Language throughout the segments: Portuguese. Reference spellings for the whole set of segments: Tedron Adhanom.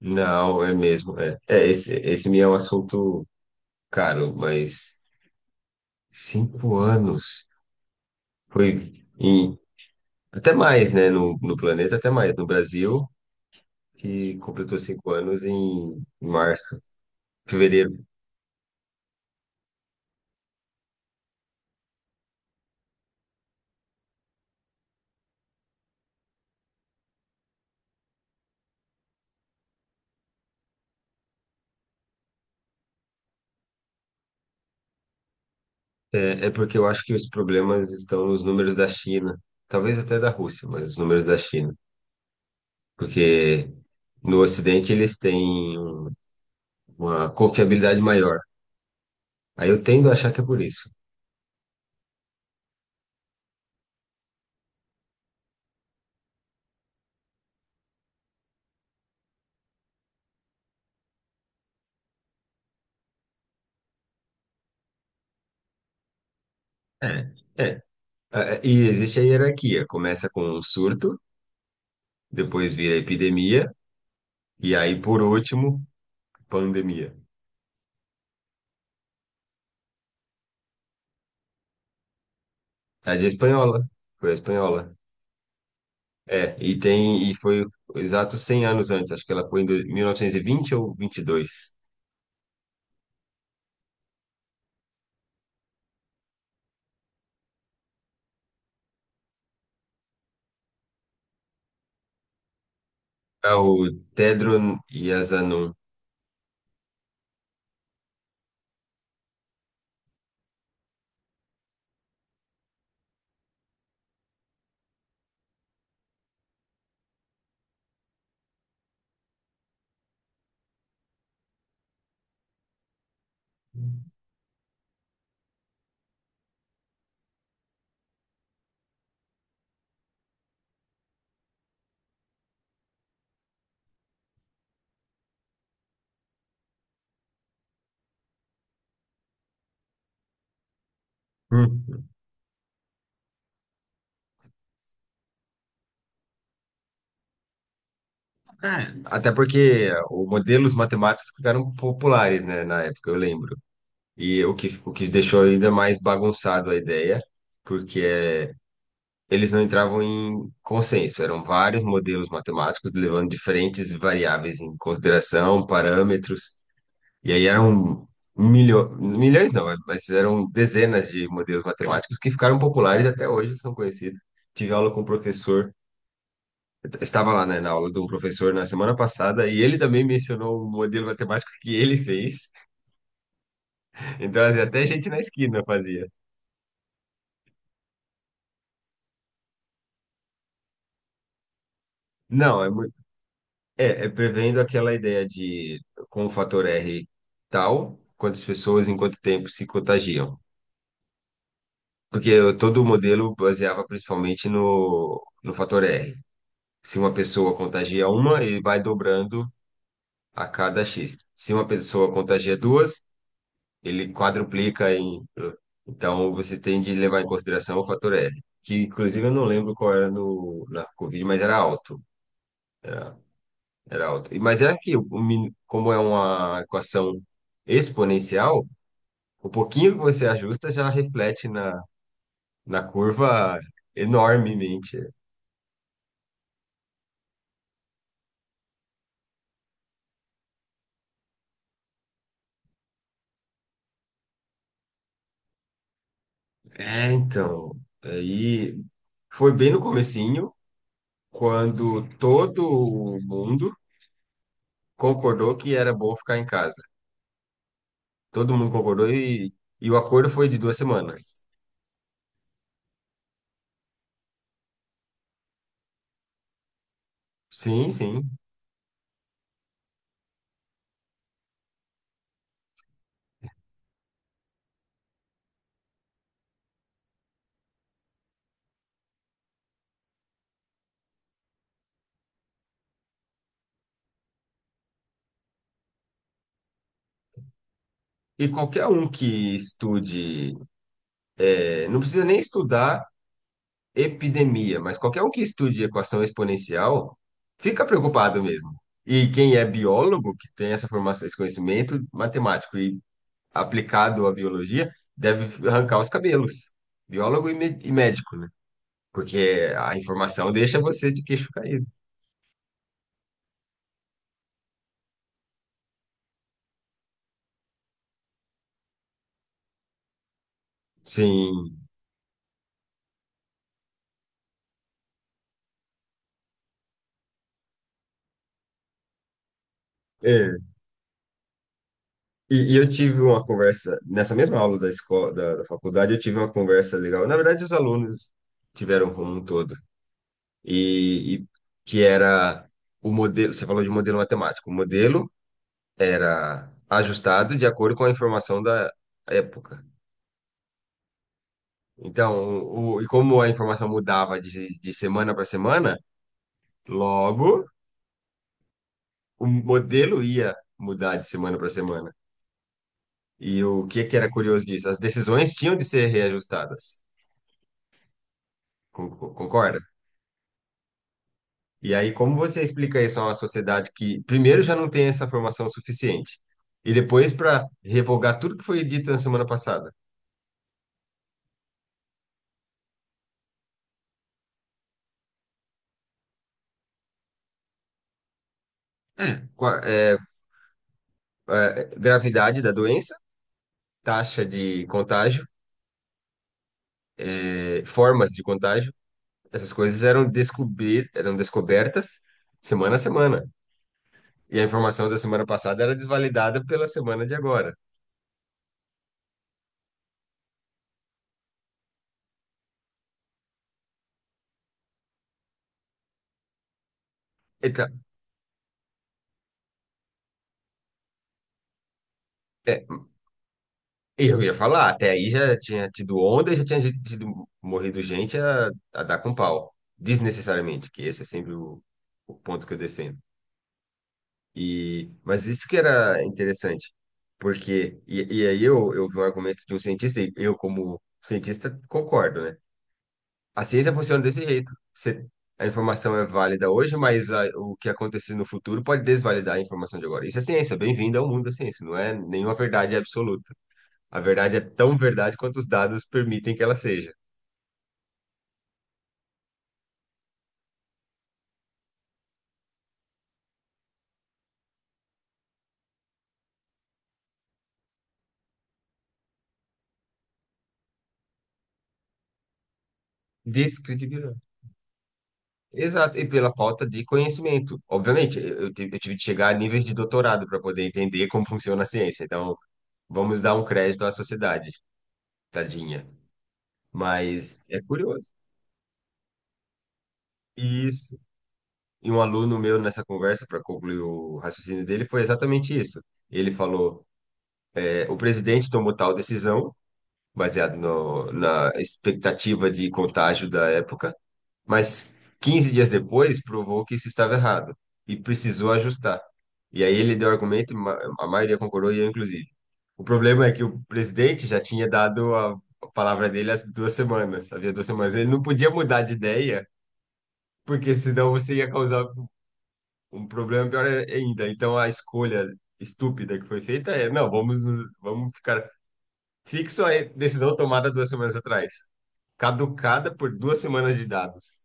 Não, é mesmo. É, esse me é um assunto caro, mas 5 anos foi em, até mais, né? No planeta, até mais. No Brasil, que completou 5 anos em março, fevereiro. É, porque eu acho que os problemas estão nos números da China, talvez até da Rússia, mas os números da China, porque no Ocidente eles têm uma confiabilidade maior. Aí eu tendo a achar que é por isso. É. é. E existe a hierarquia. Começa com o surto, depois vira epidemia, e aí, por último, pandemia. A de espanhola. Foi a espanhola. E foi exato 100 anos antes. Acho que ela foi em 1920 ou 22. É o Tedron Adhanom. Hum. É, até porque os modelos matemáticos ficaram populares, né, na época, eu lembro. E o que deixou ainda mais bagunçado a ideia, porque é eles não entravam em consenso, eram vários modelos matemáticos levando diferentes variáveis em consideração, parâmetros, e aí eram milhões, não, mas eram dezenas de modelos matemáticos que ficaram populares até hoje, são conhecidos. Tive aula com um professor, eu estava lá, né, na aula de um professor na semana passada, e ele também mencionou um modelo matemático que ele fez, então assim, até gente na esquina fazia. Não, é muito. Prevendo aquela ideia de com o fator R tal, quantas pessoas em quanto tempo se contagiam. Porque todo o modelo baseava principalmente no fator R. Se uma pessoa contagia uma, ele vai dobrando a cada X. Se uma pessoa contagia duas, ele quadruplica em. Então, você tem de levar em consideração o fator R, que inclusive eu não lembro qual era no, na Covid, mas era alto. Era alta. Mas é que, como é uma equação exponencial, o pouquinho que você ajusta já reflete na curva enormemente. É, então, aí foi bem no comecinho, quando todo mundo concordou que era bom ficar em casa. Todo mundo concordou e o acordo foi de 2 semanas. Sim, sim. E qualquer um que estude, não precisa nem estudar, epidemia, mas qualquer um que estude equação exponencial fica preocupado mesmo. E quem é biólogo, que tem essa formação, esse conhecimento matemático e aplicado à biologia, deve arrancar os cabelos. Biólogo e médico, né? Porque a informação deixa você de queixo caído. Sim. É. E eu tive uma conversa, nessa mesma aula da escola, da faculdade, eu tive uma conversa legal. Na verdade, os alunos tiveram como um todo. E que era o modelo, você falou de modelo matemático, o modelo era ajustado de acordo com a informação da época. Então, e como a informação mudava de semana para semana, logo o modelo ia mudar de semana para semana. E o que que era curioso disso? As decisões tinham de ser reajustadas. Con- Concorda? E aí, como você explica isso a uma sociedade que, primeiro, já não tem essa formação suficiente, e depois, para revogar tudo que foi dito na semana passada? Qua- é, gravidade da doença, taxa de contágio, formas de contágio, essas coisas eram, descobrir, eram descobertas semana a semana. E a informação da semana passada era desvalidada pela semana de agora. Então, é, Eu ia falar, até aí já tinha tido onda e já tinha tido, morrido gente a dar com pau, desnecessariamente, que esse é sempre o ponto que eu defendo. E, mas isso que era interessante, porque, eu vi um argumento de um cientista, e eu, como cientista, concordo, né? A ciência funciona desse jeito. Você, a informação é válida hoje, mas o que acontecer no futuro pode desvalidar a informação de agora. Isso é ciência, bem-vindo ao mundo da ciência, não é nenhuma verdade absoluta. A verdade é tão verdade quanto os dados permitem que ela seja. Descredibilidade. Exato, e pela falta de conhecimento. Obviamente, eu tive de chegar a níveis de doutorado para poder entender como funciona a ciência. Então, vamos dar um crédito à sociedade, tadinha. Mas é curioso. Isso. E um aluno meu nessa conversa, para concluir o raciocínio dele, foi exatamente isso. Ele falou: o presidente tomou tal decisão, baseado na expectativa de contágio da época. Mas 15 dias depois provou que isso estava errado e precisou ajustar. E aí ele deu argumento, a maioria concordou e eu inclusive. O problema é que o presidente já tinha dado a palavra dele há 2 semanas, havia 2 semanas. Ele não podia mudar de ideia, porque senão você ia causar um problema pior ainda. Então a escolha estúpida que foi feita é, não, vamos ficar fixo à decisão tomada 2 semanas atrás, caducada por 2 semanas de dados.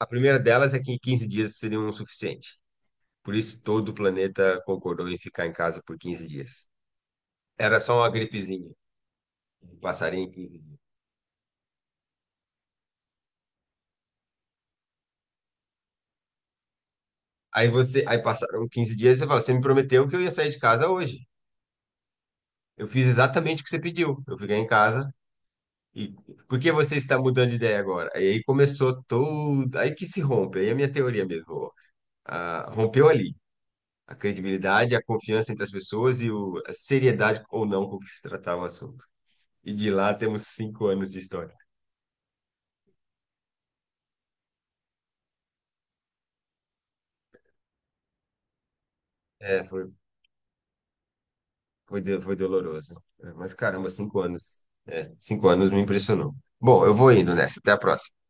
A primeira delas é que 15 dias seriam o suficiente. Por isso, todo o planeta concordou em ficar em casa por 15 dias. Era só uma gripezinha, um em 15 dias. Aí você, aí passaram 15 dias e você fala, você me prometeu que eu ia sair de casa hoje. Eu fiz exatamente o que você pediu. Eu fiquei em casa e por que você está mudando de ideia agora? Aí começou todo, aí que se rompe, aí a minha teoria mesmo, ah, rompeu ali. A credibilidade, a confiança entre as pessoas e a seriedade ou não com que se tratava o assunto. E de lá temos 5 anos de história. É, foi doloroso. É, mas caramba, 5 anos. É, cinco anos me impressionou. Bom, eu vou indo nessa. Até a próxima.